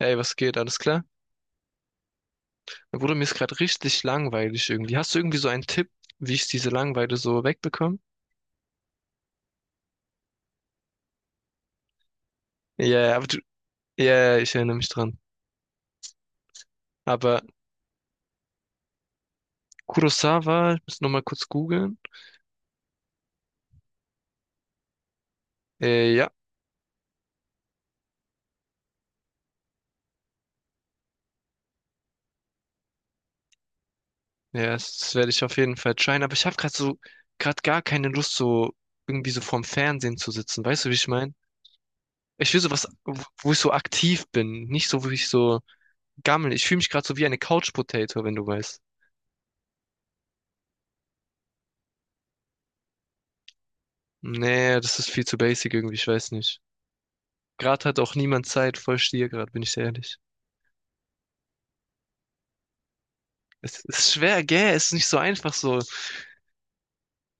Ey, was geht? Alles klar? Dann wurde mir ist gerade richtig langweilig irgendwie. Hast du irgendwie so einen Tipp, wie ich diese Langeweile so wegbekomme? Ja, ja, aber du, ja, ja, ich erinnere mich dran. Aber Kurosawa, ich muss nochmal kurz googeln. Ja, ja, das werde ich auf jeden Fall tryen. Aber ich habe gerade gar keine Lust, so irgendwie so vorm Fernsehen zu sitzen. Weißt du, wie ich meine? Ich will so was, wo ich so aktiv bin. Nicht so, wo ich so gammel. Ich fühle mich gerade so wie eine Couch Potato, wenn du weißt. Nee, das ist viel zu basic irgendwie, ich weiß nicht. Gerade hat auch niemand Zeit, voll Stier gerade, bin ich sehr ehrlich. Es ist schwer, gell? Es ist nicht so einfach so.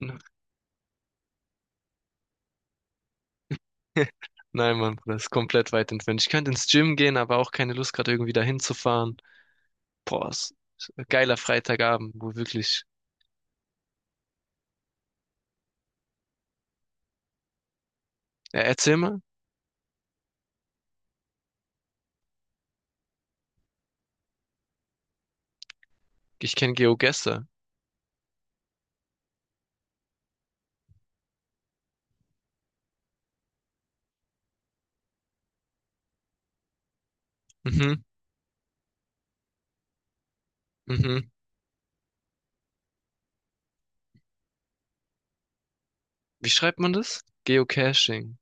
Nein, Mann, Bruder, das ist komplett weit entfernt. Ich könnte ins Gym gehen, aber auch keine Lust, gerade irgendwie dahin zu fahren. Boah, es ist ein geiler Freitagabend, wo wirklich. Ja, erzähl mal, ich kenne Geogesser. Mhm, mhm. Wie schreibt man das? Geocaching.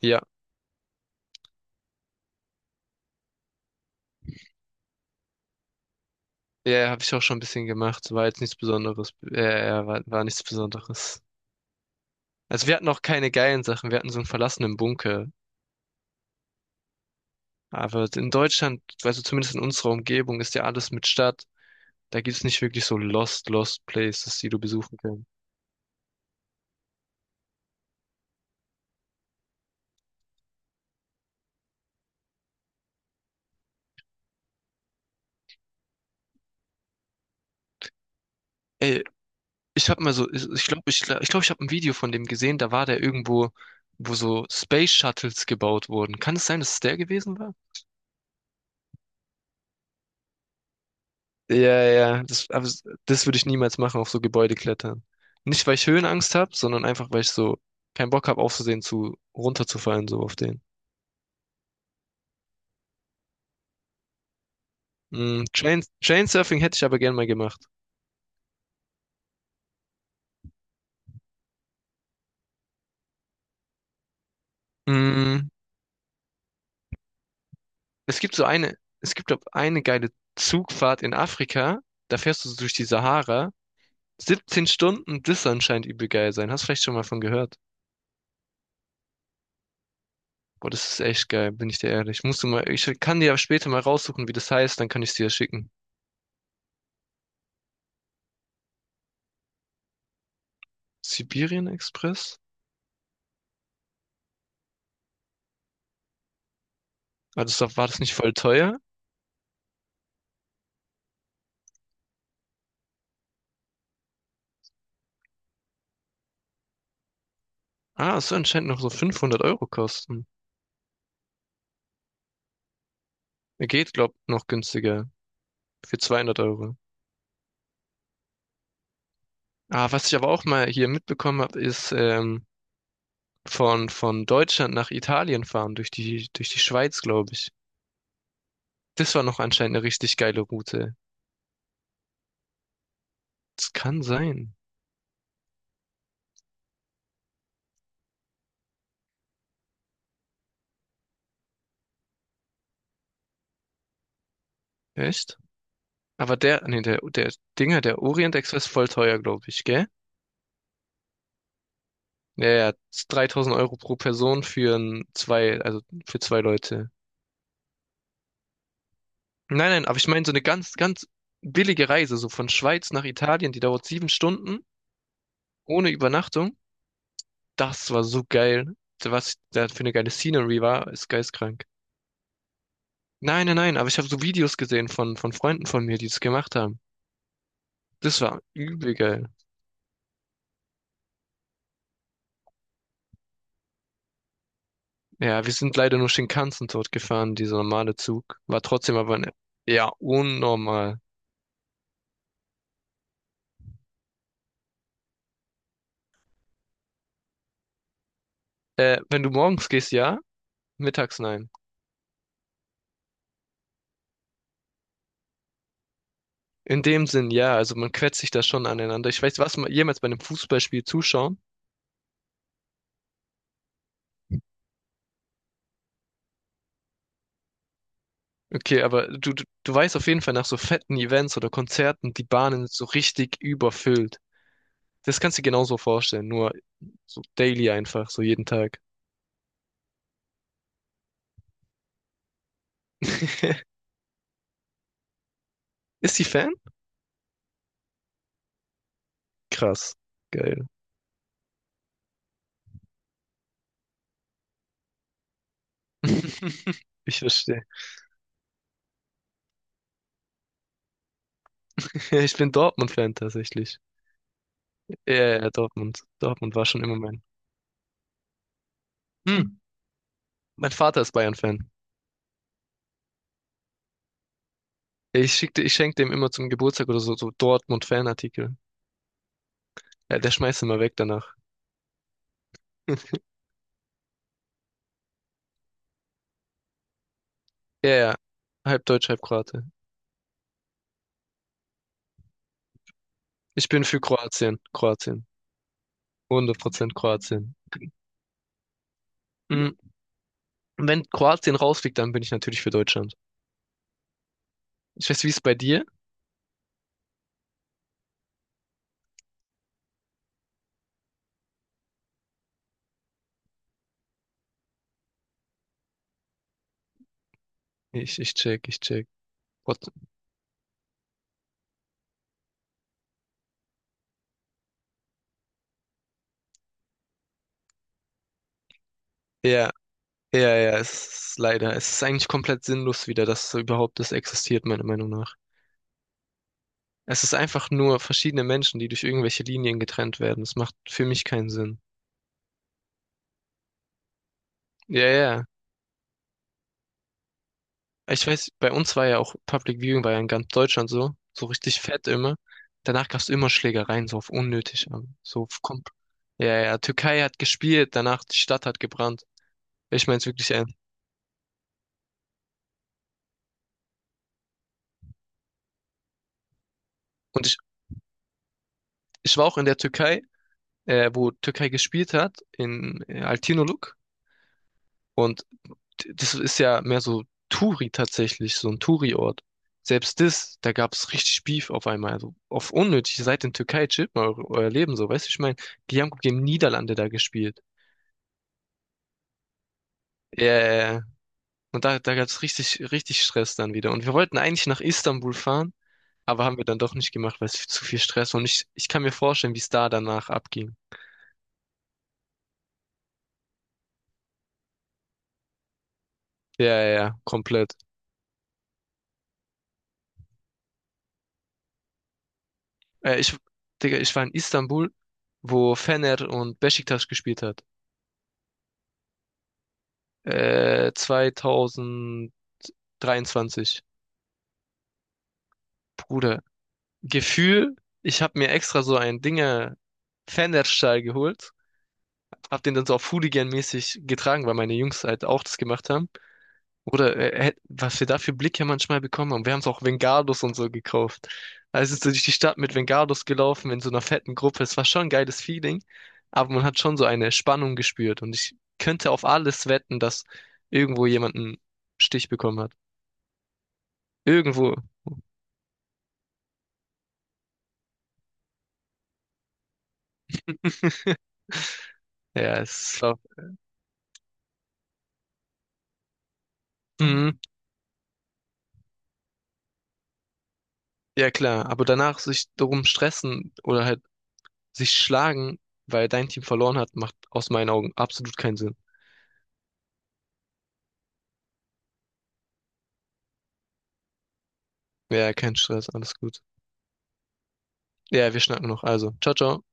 Ja, ja, habe ich auch schon ein bisschen gemacht. War jetzt nichts Besonderes. Ja, ja, war nichts Besonderes. Also wir hatten auch keine geilen Sachen. Wir hatten so einen verlassenen Bunker. Aber in Deutschland, also zumindest in unserer Umgebung, ist ja alles mit Stadt. Da gibt's nicht wirklich so Lost Places, die du besuchen kannst. Ey, ich hab mal so, ich glaube, ich glaube, ich, glaub, ich, glaub, ich habe ein Video von dem gesehen, da war der irgendwo, wo so Space Shuttles gebaut wurden. Kann es sein, dass es der gewesen war? Ja, ja, das würde ich niemals machen, auf so Gebäude klettern. Nicht, weil ich Höhenangst habe, sondern einfach, weil ich so keinen Bock habe, aufzusehen, zu runterzufallen, so auf den. Trainsurfing hätte ich aber gern mal gemacht. Mm, es gibt doch eine geile Zugfahrt in Afrika. Da fährst du so durch die Sahara. 17 Stunden, das soll anscheinend übel geil sein. Hast vielleicht schon mal von gehört. Boah, das ist echt geil, bin ich dir ehrlich. Musst du mal, ich kann dir ja später mal raussuchen, wie das heißt, dann kann ich dir ja schicken. Sibirien Express? Ah, das war das nicht voll teuer? Ah, es soll anscheinend noch so 500 € kosten. Geht, glaub, noch günstiger. Für 200 Euro. Ah, was ich aber auch mal hier mitbekommen habe, ist, von Deutschland nach Italien fahren, durch die Schweiz, glaube ich. Das war noch anscheinend eine richtig geile Route. Das kann sein. Echt? Aber der Dinger, der Orient Express voll teuer, glaube ich, gell? Ja, ja, 3.000 € pro Person für ein, zwei, also für zwei Leute. Nein, nein, aber ich meine so eine ganz, ganz billige Reise, so von Schweiz nach Italien, die dauert 7 Stunden, ohne Übernachtung. Das war so geil. Was da für eine geile Scenery war, ist geisteskrank. Nein, nein, nein, aber ich habe so Videos gesehen von Freunden von mir, die das gemacht haben. Das war übel geil. Ja, wir sind leider nur Shinkansen dort gefahren, dieser normale Zug. War trotzdem aber, ne, ja, unnormal. Wenn du morgens gehst, ja, mittags nein. In dem Sinn, ja, also man quetscht sich da schon aneinander. Ich weiß, was man jemals bei einem Fußballspiel zuschauen. Okay, aber du weißt auf jeden Fall nach so fetten Events oder Konzerten, die Bahnen sind so richtig überfüllt. Das kannst du dir genauso vorstellen, nur so daily einfach, so jeden Tag. Ist sie Fan? Krass. Geil. Ich verstehe. Ich bin Dortmund-Fan tatsächlich. Ja, ja, ja, Dortmund. Dortmund war schon immer mein. Hm. Mein Vater ist Bayern-Fan. Ich schenke dem immer zum Geburtstag oder so, so Dortmund-Fanartikel. Ja, der schmeißt immer weg danach. Ja, ja. Halb Deutsch, halb Kroate. Ich bin für Kroatien. Kroatien. 100% Kroatien. Mhm. Wenn Kroatien rausfliegt, dann bin ich natürlich für Deutschland. Ich weiß, wie es bei dir? Ich check, ich check. What? Ja. Ja, ja, es ist leider. Es ist eigentlich komplett sinnlos wieder, dass so überhaupt das existiert, meiner Meinung nach. Es ist einfach nur verschiedene Menschen, die durch irgendwelche Linien getrennt werden. Das macht für mich keinen Sinn. Ja, ja. Ich weiß, bei uns war ja auch Public Viewing war ja in ganz Deutschland so, so richtig fett immer. Danach gab es immer Schlägereien, so auf unnötig, aber so auf komp. Ja, ja, Türkei hat gespielt, danach die Stadt hat gebrannt. Ich meine es wirklich ernst. Und ich war auch in der Türkei, wo Türkei gespielt hat, in Altinoluk. Und das ist ja mehr so Touri tatsächlich, so ein Touri-Ort. Selbst das, da gab es richtig Beef auf einmal. Also auf unnötig, ihr seid in Türkei, chillt mal euer Leben so, weißt du, ich meine, die haben gegen Niederlande da gespielt. Ja, ja, ja. Und da gab es richtig, richtig Stress dann wieder. Und wir wollten eigentlich nach Istanbul fahren, aber haben wir dann doch nicht gemacht, weil es zu viel Stress war. Und ich kann mir vorstellen, wie es da danach abging. Ja, ja, ja, komplett. Äh, ich, Digga, ich war in Istanbul, wo Fener und Beşiktaş gespielt hat. 2023. Bruder, Gefühl, ich habe mir extra so ein Dinger Fanerstall geholt. Hab den dann so auf Hooligan-mäßig getragen, weil meine Jungs halt auch das gemacht haben. Oder was wir da für Blicke manchmal bekommen haben. Wir haben es auch Vengados und so gekauft. Also sind so durch die Stadt mit Vengados gelaufen in so einer fetten Gruppe. Es war schon ein geiles Feeling, aber man hat schon so eine Spannung gespürt. Und ich könnte auf alles wetten, dass irgendwo jemand einen Stich bekommen hat. Irgendwo. Ja, es ist auch, mhm, ja klar, aber danach sich darum stressen oder halt sich schlagen, weil dein Team verloren hat, macht aus meinen Augen absolut keinen Sinn. Ja, kein Stress, alles gut. Ja, wir schnacken noch. Also, ciao, ciao.